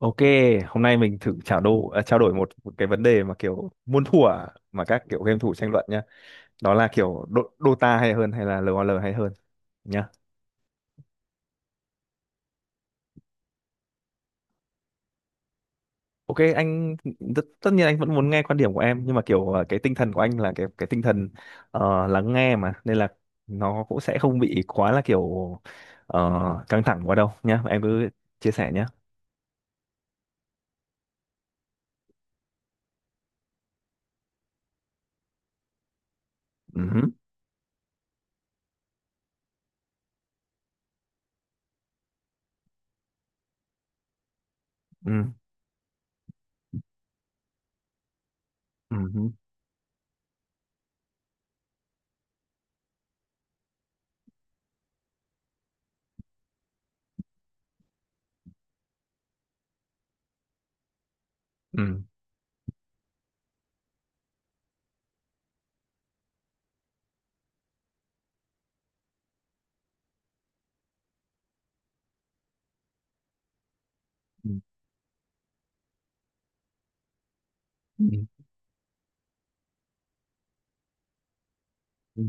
Ok, hôm nay mình thử trao đổi một cái vấn đề mà kiểu muôn thuở mà các kiểu game thủ tranh luận nhá. Đó là kiểu Dota hay hơn hay là LOL hay hơn nhá. Ok, anh tất nhiên anh vẫn muốn nghe quan điểm của em, nhưng mà kiểu cái tinh thần của anh là cái tinh thần lắng nghe, mà nên là nó cũng sẽ không bị quá là kiểu ờ, căng thẳng quá đâu nhá. Em cứ chia sẻ nhá. Ừ, ừ, ừ, ừ, ừ, ừ, ừ,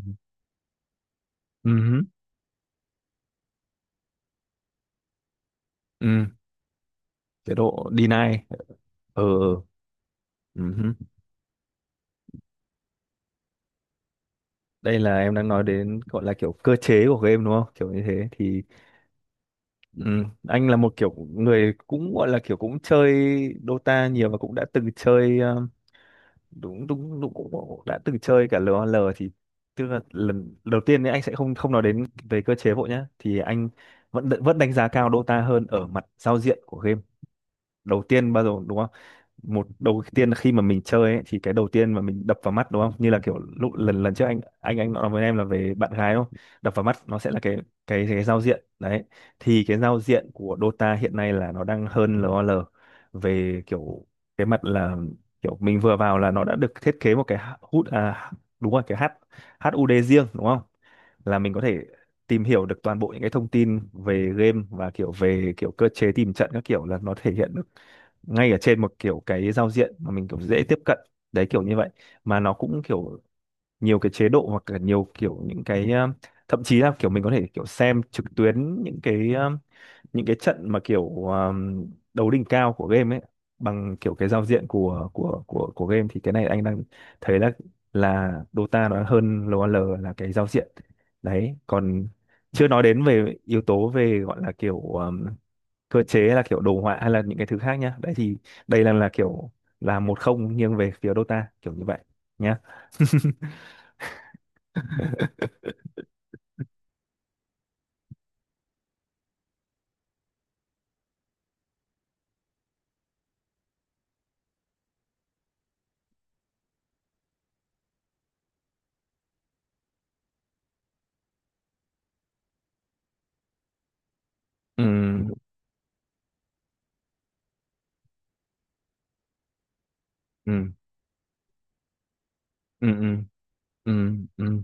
ừ, ừ. Chế độ deny. Ừ. Ừ hứ. Đây là em đang nói đến gọi là kiểu cơ chế của game đúng không? Kiểu như thế thì ừ, anh là một kiểu người cũng gọi là kiểu cũng chơi Dota nhiều, và cũng đã từng chơi đúng đúng, đúng cũng cũng đã từng chơi cả LOL, thì tức là lần đầu tiên ấy anh sẽ không không nói đến về cơ chế vội nhá, thì anh vẫn vẫn đánh giá cao Dota hơn ở mặt giao diện của game. Đầu tiên bao giờ đúng không? Một đầu tiên khi mà mình chơi ấy, thì cái đầu tiên mà mình đập vào mắt đúng không, như là kiểu lúc lần lần trước anh nói với em là về bạn gái đúng không, đập vào mắt nó sẽ là cái giao diện đấy. Thì cái giao diện của Dota hiện nay là nó đang hơn LOL về kiểu cái mặt là kiểu mình vừa vào là nó đã được thiết kế một cái hút à đúng rồi, cái H HUD riêng đúng không, là mình có thể tìm hiểu được toàn bộ những cái thông tin về game và kiểu về kiểu cơ chế tìm trận các kiểu, là nó thể hiện được ngay ở trên một kiểu cái giao diện mà mình kiểu dễ tiếp cận, đấy kiểu như vậy. Mà nó cũng kiểu nhiều cái chế độ, hoặc là nhiều kiểu những cái thậm chí là kiểu mình có thể kiểu xem trực tuyến những cái những cái trận mà kiểu đấu đỉnh cao của game ấy, bằng kiểu cái giao diện của game, thì cái này anh đang thấy là Dota nó hơn LOL là cái giao diện đấy, còn chưa nói đến về yếu tố về gọi là kiểu cơ chế hay là kiểu đồ họa hay là những cái thứ khác nhá. Đấy thì đây là kiểu là 1-0, nghiêng về phía Dota kiểu như vậy nhá. Ừ. Ừ. Ừ. Ừ. Ừ. Ừ.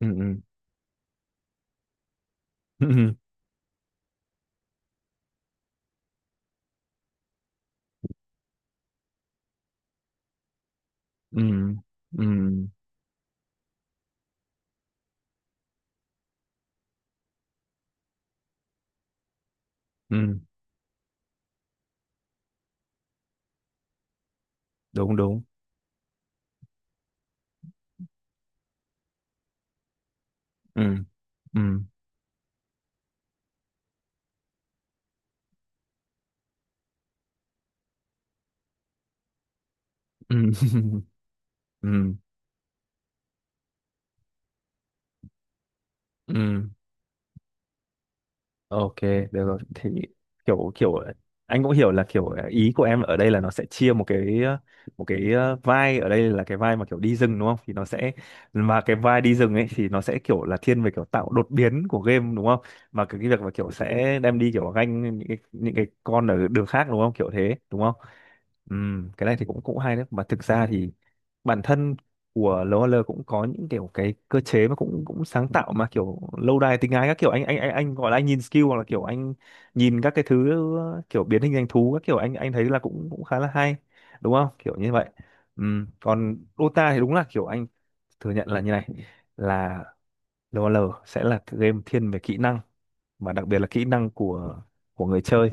Ừ. Ừ. Ừ. Ừ. ừ, ừ, đúng đúng. Ừ. Ừ. Ừ. Ừ. Ừ. Ok, được rồi. Thì kiểu kiểu anh cũng hiểu là kiểu ý của em ở đây là nó sẽ chia một cái một cái vai, ở đây là cái vai mà kiểu đi rừng đúng không? Thì nó sẽ mà cái vai đi rừng ấy thì nó sẽ kiểu là thiên về kiểu tạo đột biến của game đúng không? Mà cái việc mà kiểu sẽ đem đi kiểu ganh những cái con ở đường khác đúng không? Kiểu thế đúng không? Cái này thì cũng cũng hay đấy. Mà thực ra thì bản thân của LOL cũng có những kiểu cái cơ chế mà cũng cũng sáng tạo mà kiểu lâu đài tình ái các kiểu, anh gọi là anh nhìn skill hoặc là kiểu anh nhìn các cái thứ kiểu biến hình thành thú các kiểu, anh thấy là cũng cũng khá là hay đúng không, kiểu như vậy. Còn Dota thì đúng là kiểu anh thừa nhận là như này, là DOL sẽ là cái game thiên về kỹ năng mà đặc biệt là kỹ năng của người chơi.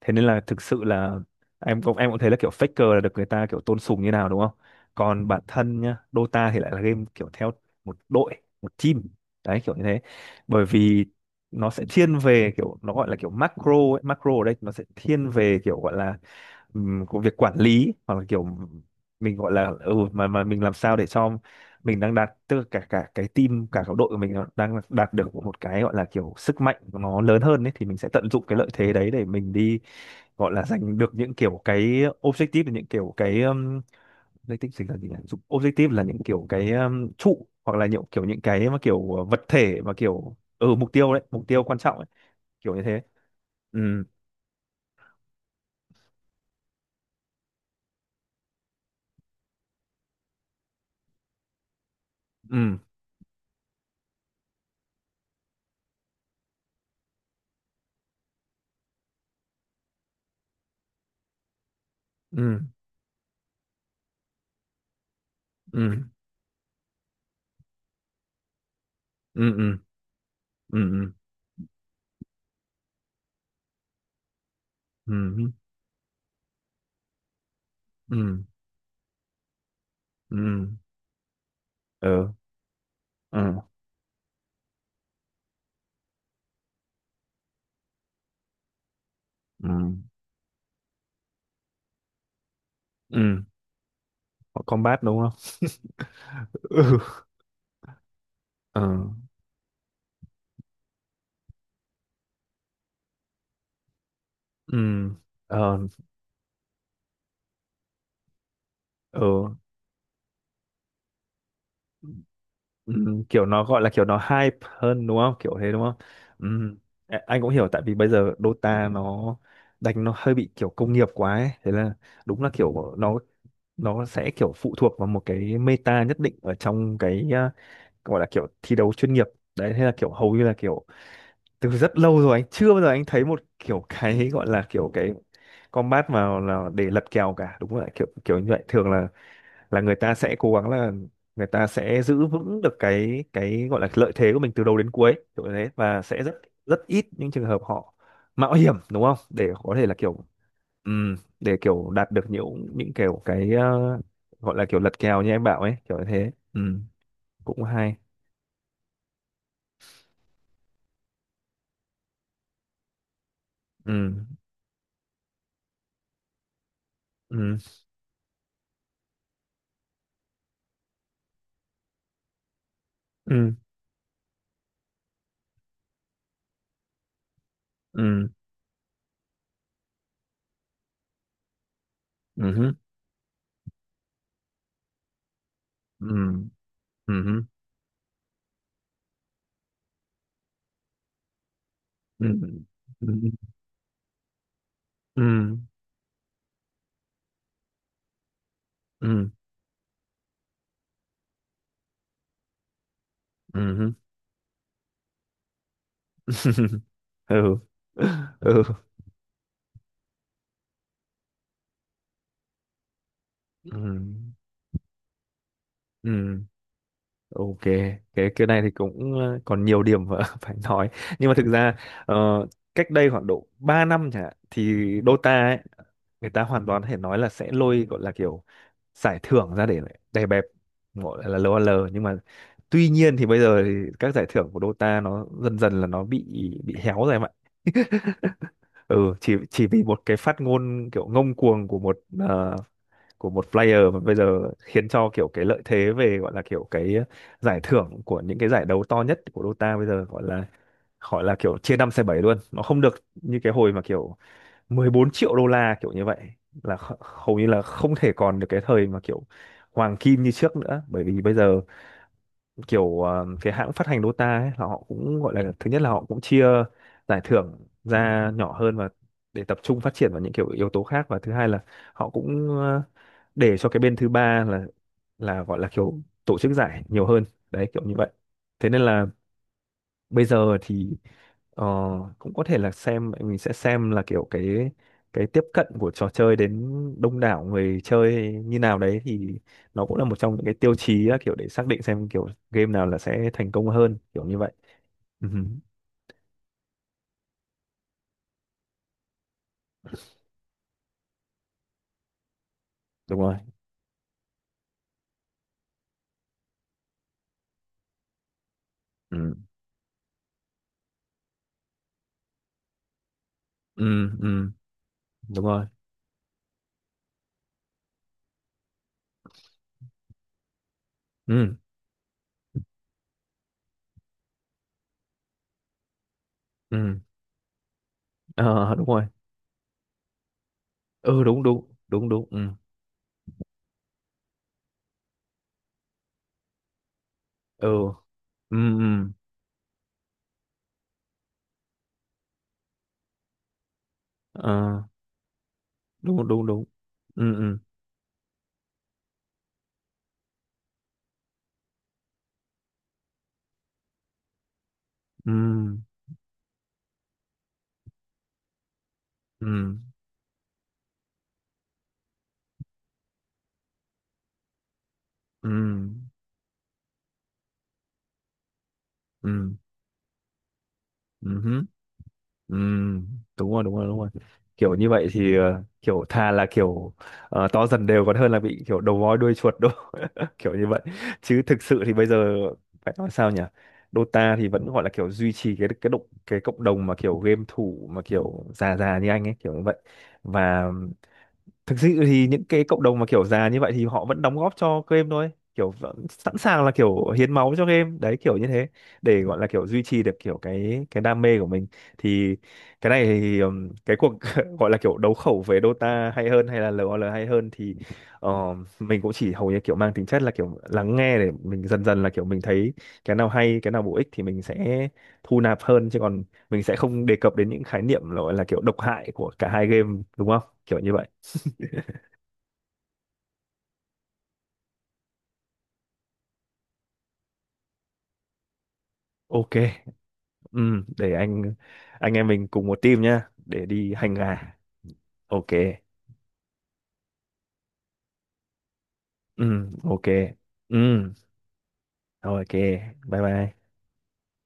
Thế nên là thực sự là em cũng thấy là kiểu Faker là được người ta kiểu tôn sùng như nào đúng không? Còn bản thân nhá, Dota thì lại là game kiểu theo một đội, một team. Đấy kiểu như thế. Bởi vì nó sẽ thiên về kiểu nó gọi là kiểu macro ấy, macro ở đây nó sẽ thiên về kiểu gọi là của việc quản lý hoặc là kiểu mình gọi là ừ mà mình làm sao để cho mình đang đạt, tức là cả cả cái team, cả cái đội của mình nó đang đạt được một cái gọi là kiểu sức mạnh của nó lớn hơn ấy, thì mình sẽ tận dụng cái lợi thế đấy để mình đi gọi là giành được những kiểu cái objective, những kiểu cái objective chính là gì nhỉ, objective là những kiểu cái trụ hoặc là những kiểu những cái mà kiểu vật thể mà kiểu ừ mục tiêu đấy, mục tiêu quan trọng ấy, kiểu như thế. Ừ. Ừ. Ừ. Ừ. Ừ. Ừ. Ừ. Ừ. Ừ. Ừ. Ừ. Ừ. Ừ. Ừ. Ừ. Ừ. Họ combat đúng không? Ừ. Ừ. Ừ. Ờ. Ừ. Ừ. Kiểu nó gọi là kiểu nó hype hơn đúng không, kiểu thế đúng không? Ừ. Anh cũng hiểu, tại vì bây giờ Dota nó đánh nó hơi bị kiểu công nghiệp quá ấy. Thế là đúng là kiểu nó sẽ kiểu phụ thuộc vào một cái meta nhất định ở trong cái gọi là kiểu thi đấu chuyên nghiệp, đấy thế là kiểu hầu như là kiểu từ rất lâu rồi anh chưa bao giờ thấy một kiểu cái gọi là kiểu cái combat mà là để lật kèo cả, đúng rồi kiểu kiểu như vậy. Thường là người ta sẽ cố gắng là người ta sẽ giữ vững được cái gọi là lợi thế của mình từ đầu đến cuối kiểu như thế, và sẽ rất rất ít những trường hợp họ mạo hiểm đúng không, để có thể là kiểu để kiểu đạt được những kiểu cái gọi là kiểu lật kèo như em bảo ấy, kiểu như thế. Cũng hay. Ừm. Ừm. Ừm. Ừm. Ừm. Ừm. Ừm. Ừ. Ừ. Ừ. Ừ. Ừ. Ừ. Ừ. Ừ. Ừ. Ok, cái này thì cũng còn nhiều điểm mà phải nói, nhưng mà thực ra ờ, cách đây khoảng độ 3 năm chẳng hạn, thì Dota ấy người ta hoàn toàn có thể nói là sẽ lôi gọi là kiểu giải thưởng ra để đè bẹp gọi là LOL, nhưng mà tuy nhiên thì bây giờ thì các giải thưởng của Dota nó dần dần là nó bị héo rồi em ạ. Ừ, chỉ vì một cái phát ngôn kiểu ngông cuồng của một của một player, mà bây giờ khiến cho kiểu cái lợi thế về gọi là kiểu cái giải thưởng của những cái giải đấu to nhất của Dota bây giờ gọi là, gọi là kiểu chia năm xẻ bảy luôn, nó không được như cái hồi mà kiểu 14 triệu đô la kiểu như vậy. Là hầu như là không thể còn được cái thời mà kiểu hoàng kim như trước nữa, bởi vì bây giờ kiểu cái hãng phát hành Dota ấy, là họ cũng gọi là thứ nhất là họ cũng chia giải thưởng ra nhỏ hơn, và để tập trung phát triển vào những kiểu yếu tố khác, và thứ hai là họ cũng để cho cái bên thứ ba là gọi là kiểu tổ chức giải nhiều hơn, đấy kiểu như vậy. Thế nên là bây giờ thì ờ, cũng có thể là xem, mình sẽ xem là kiểu cái tiếp cận của trò chơi đến đông đảo người chơi như nào đấy, thì nó cũng là một trong những cái tiêu chí là kiểu để xác định xem kiểu game nào là sẽ thành công hơn, kiểu như vậy. Ừ, đúng rồi. Ừ. Ừ. Ừ. Đúng rồi. Ừ. Ừ. Ờ, đúng rồi. Ừ, đúng đúng đúng đúng. Ừ. Ừ. Ừ. Ừ. Ờ, đúng đúng đúng. Ừ. Ừ. Ừ. Ừ. Ừ. Ừ. Ừ. Ừ, đúng rồi đúng rồi đúng rồi, kiểu như vậy thì kiểu thà là kiểu to dần đều còn hơn là bị kiểu đầu voi đuôi chuột đâu kiểu như vậy. Chứ thực sự thì bây giờ phải nói sao nhỉ, Dota thì vẫn gọi là kiểu duy trì cái động, cái cộng đồng mà kiểu game thủ mà kiểu già già như anh ấy, kiểu như vậy. Và thực sự thì những cái cộng đồng mà kiểu già như vậy thì họ vẫn đóng góp cho game thôi, kiểu vẫn sẵn sàng là kiểu hiến máu cho game đấy, kiểu như thế, để gọi là kiểu duy trì được kiểu cái đam mê của mình. Thì cái này thì cái cuộc gọi là kiểu đấu khẩu về Dota hay hơn hay là LOL hay hơn thì mình cũng chỉ hầu như kiểu mang tính chất là kiểu lắng nghe, để mình dần dần là kiểu mình thấy cái nào hay cái nào bổ ích thì mình sẽ thu nạp hơn, chứ còn mình sẽ không đề cập đến những khái niệm gọi là kiểu độc hại của cả hai game đúng không, kiểu như vậy. Ok, để anh em mình cùng một team nhá, để đi hành gà. Ok, ok, ừm, ok, bye bye.